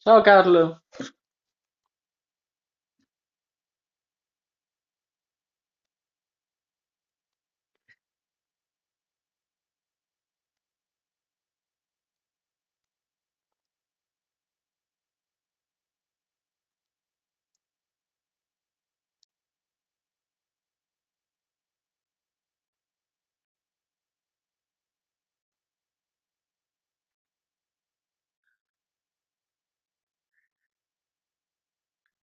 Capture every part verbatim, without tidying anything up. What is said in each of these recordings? Ciao Carlo,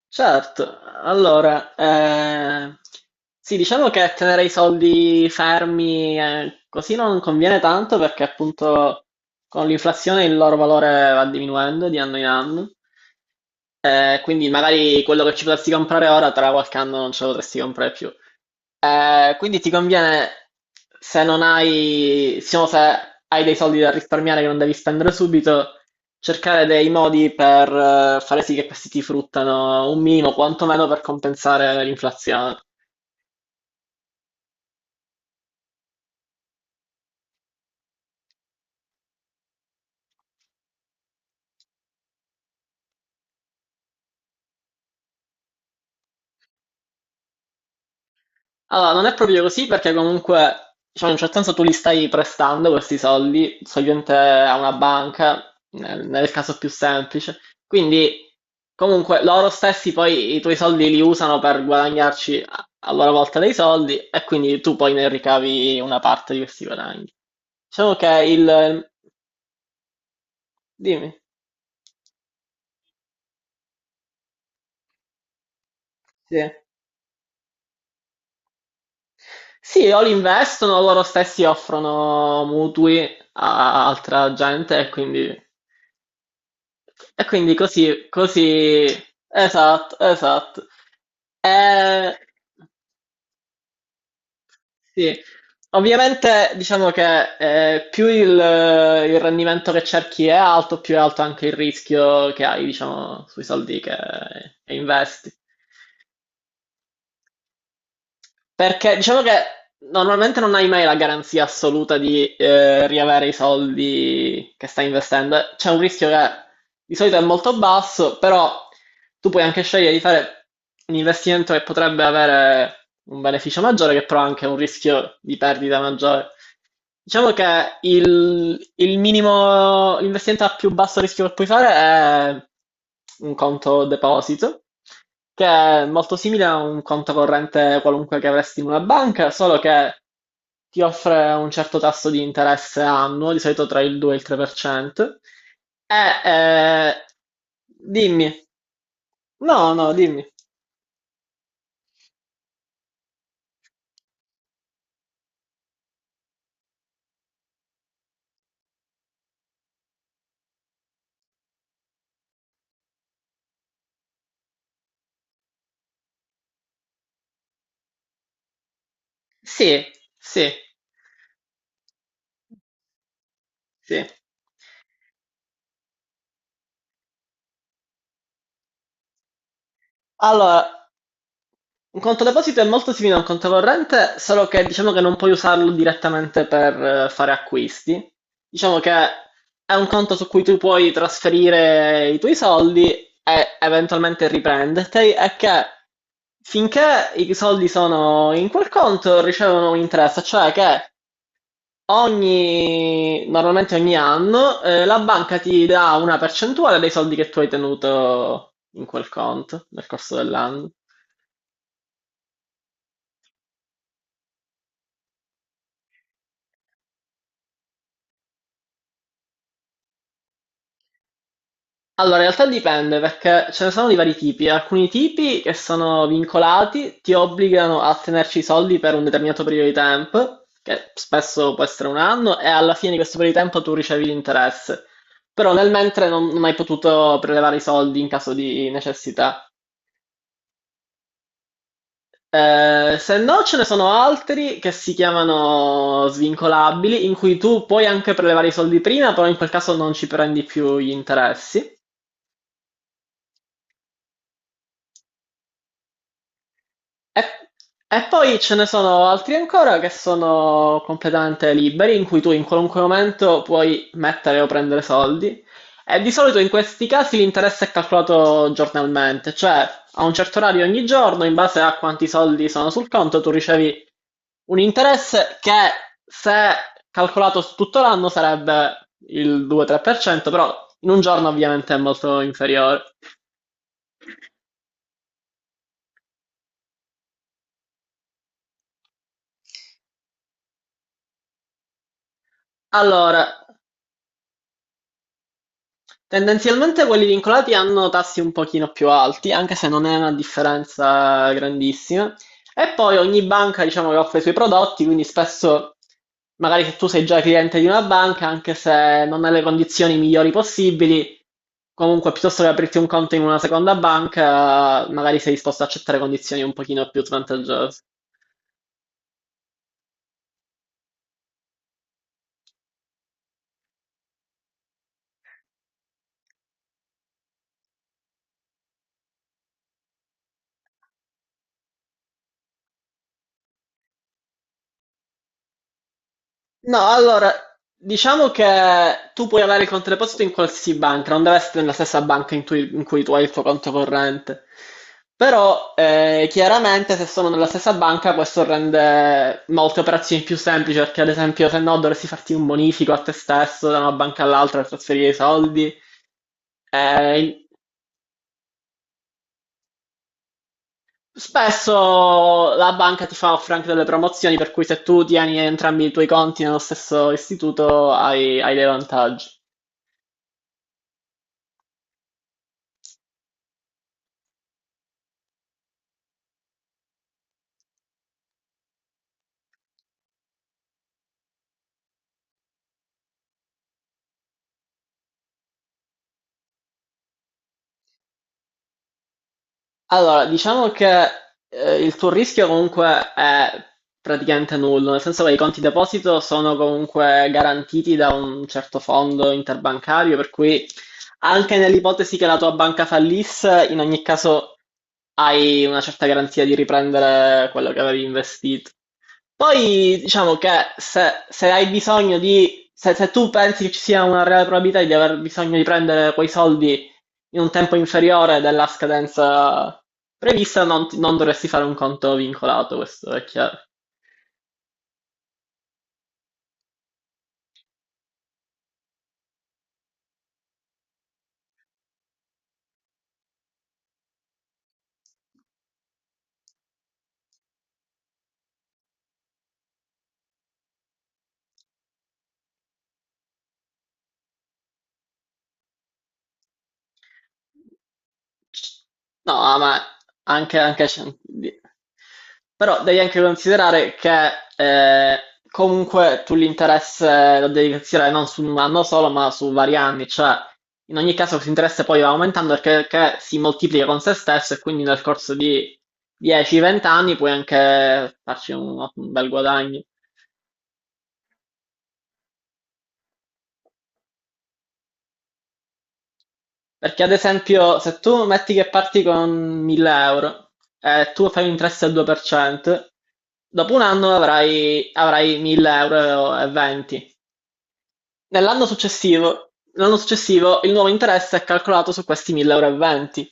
certo, allora, eh, sì, diciamo che tenere i soldi fermi eh, così non conviene tanto perché appunto con l'inflazione il loro valore va diminuendo di anno in anno, eh, quindi magari quello che ci potresti comprare ora tra qualche anno non ce lo potresti comprare più. Eh, quindi ti conviene, se non hai, diciamo, se hai dei soldi da risparmiare che non devi spendere subito, cercare dei modi per eh, fare sì che questi ti fruttano un minimo, quantomeno per compensare l'inflazione. Allora, non è proprio così perché comunque, diciamo, in un certo senso tu li stai prestando questi soldi, solitamente a una banca, nel, nel caso più semplice. Quindi, comunque, loro stessi poi i tuoi soldi li usano per guadagnarci a a loro volta dei soldi e quindi tu poi ne ricavi una parte di questi guadagni. Diciamo che il... Dimmi, sì. Sì, o li investono, o loro stessi offrono mutui a altra gente e quindi... E quindi così, così, esatto, esatto. Eh, sì, ovviamente diciamo che eh, più il, il rendimento che cerchi è alto, più è alto anche il rischio che hai, diciamo, sui soldi che, che investi. Perché diciamo che normalmente non hai mai la garanzia assoluta di eh, riavere i soldi che stai investendo. C'è un rischio che di solito è molto basso, però tu puoi anche scegliere di fare un investimento che potrebbe avere un beneficio maggiore, che però ha anche un rischio di perdita maggiore. Diciamo che il, il minimo, l'investimento a più basso rischio che puoi fare è un conto deposito, che è molto simile a un conto corrente qualunque che avresti in una banca, solo che ti offre un certo tasso di interesse annuo, di solito tra il due e il tre per cento. E, eh, dimmi, no, no, dimmi. Sì, sì, sì. Allora, un conto deposito è molto simile a un conto corrente, solo che diciamo che non puoi usarlo direttamente per eh, fare acquisti. Diciamo che è un conto su cui tu puoi trasferire i tuoi soldi e eventualmente riprenderti, e che finché i soldi sono in quel conto ricevono un interesse, cioè che ogni, normalmente ogni anno eh, la banca ti dà una percentuale dei soldi che tu hai tenuto in quel conto nel corso dell'anno. Allora, in realtà dipende perché ce ne sono di vari tipi. Alcuni tipi che sono vincolati ti obbligano a tenerci i soldi per un determinato periodo di tempo, che spesso può essere un anno, e alla fine di questo periodo di tempo tu ricevi l'interesse. Però nel mentre non, non hai potuto prelevare i soldi in caso di necessità. Eh, se no, ce ne sono altri che si chiamano svincolabili, in cui tu puoi anche prelevare i soldi prima, però in quel caso non ci prendi più gli interessi. E, e poi ce ne sono altri ancora che sono completamente liberi, in cui tu in qualunque momento puoi mettere o prendere soldi. E di solito in questi casi l'interesse è calcolato giornalmente, cioè a un certo orario ogni giorno, in base a quanti soldi sono sul conto, tu ricevi un interesse che se calcolato su tutto l'anno sarebbe il due-tre per cento, però in un giorno ovviamente è molto inferiore. Allora, tendenzialmente quelli vincolati hanno tassi un pochino più alti, anche se non è una differenza grandissima. E poi ogni banca, diciamo, che offre i suoi prodotti, quindi spesso, magari se tu sei già cliente di una banca, anche se non hai le condizioni migliori possibili, comunque piuttosto che aprirti un conto in una seconda banca, magari sei disposto ad accettare condizioni un pochino più svantaggiose. No, allora, diciamo che tu puoi avere il conto deposito in qualsiasi banca, non deve essere nella stessa banca in, tui- in cui tu hai il tuo conto corrente. Però, eh, chiaramente, se sono nella stessa banca, questo rende molte operazioni più semplici, perché ad esempio, se no, dovresti farti un bonifico a te stesso da una banca all'altra per trasferire i soldi. Eh, Spesso la banca ti fa offrire anche delle promozioni, per cui se tu tieni entrambi i tuoi conti nello stesso istituto, hai hai dei vantaggi. Allora, diciamo che eh, il tuo rischio comunque è praticamente nullo, nel senso che i conti deposito sono comunque garantiti da un certo fondo interbancario, per cui anche nell'ipotesi che la tua banca fallisse, in ogni caso hai una certa garanzia di riprendere quello che avevi investito. Poi diciamo che se, se hai bisogno di, se, se tu pensi che ci sia una reale probabilità di aver bisogno di prendere quei soldi in un tempo inferiore della scadenza prevista, non, ti- non dovresti fare un conto vincolato, questo è chiaro. C- No, ma anche, anche c- di- però devi anche considerare che eh, comunque tu l'interesse lo devi considerare non su un anno solo, ma su vari anni, cioè in ogni caso questo interesse poi va aumentando perché, perché si moltiplica con se stesso e quindi nel corso di dieci venti anni puoi anche farci un un bel guadagno. Perché ad esempio, se tu metti che parti con mille euro e tu fai un interesse al due per cento, dopo un anno avrai, avrai mille euro e venti. Nell'anno successivo, l'anno successivo il nuovo interesse è calcolato su questi mille euro e venti.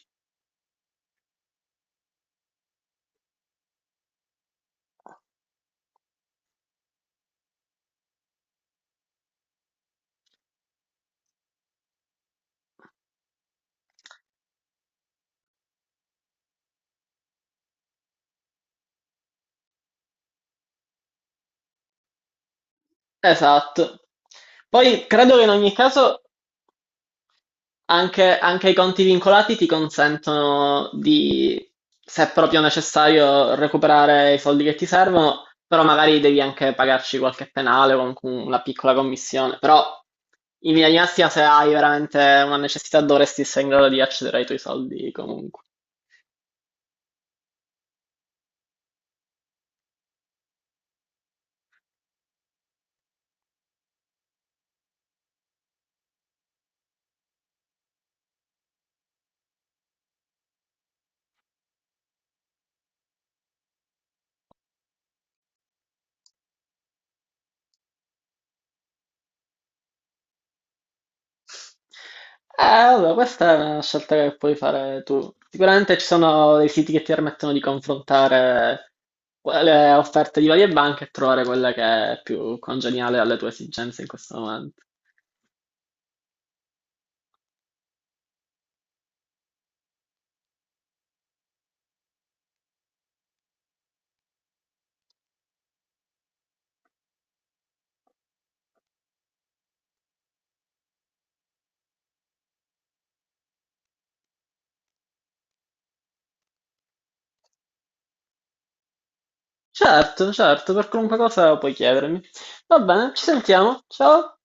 Esatto. Poi credo che in ogni caso Anche, anche i conti vincolati ti consentono di, se è proprio necessario, recuperare i soldi che ti servono, però magari devi anche pagarci qualche penale o comunque una piccola commissione. Però in linea di massima, se hai veramente una necessità, dovresti essere in grado di accedere ai tuoi soldi comunque. Eh, allora, questa è una scelta che puoi fare tu. Sicuramente ci sono dei siti che ti permettono di confrontare le offerte di varie banche e trovare quella che è più congeniale alle tue esigenze in questo momento. Certo, certo, per qualunque cosa puoi chiedermi. Va bene, ci sentiamo. Ciao.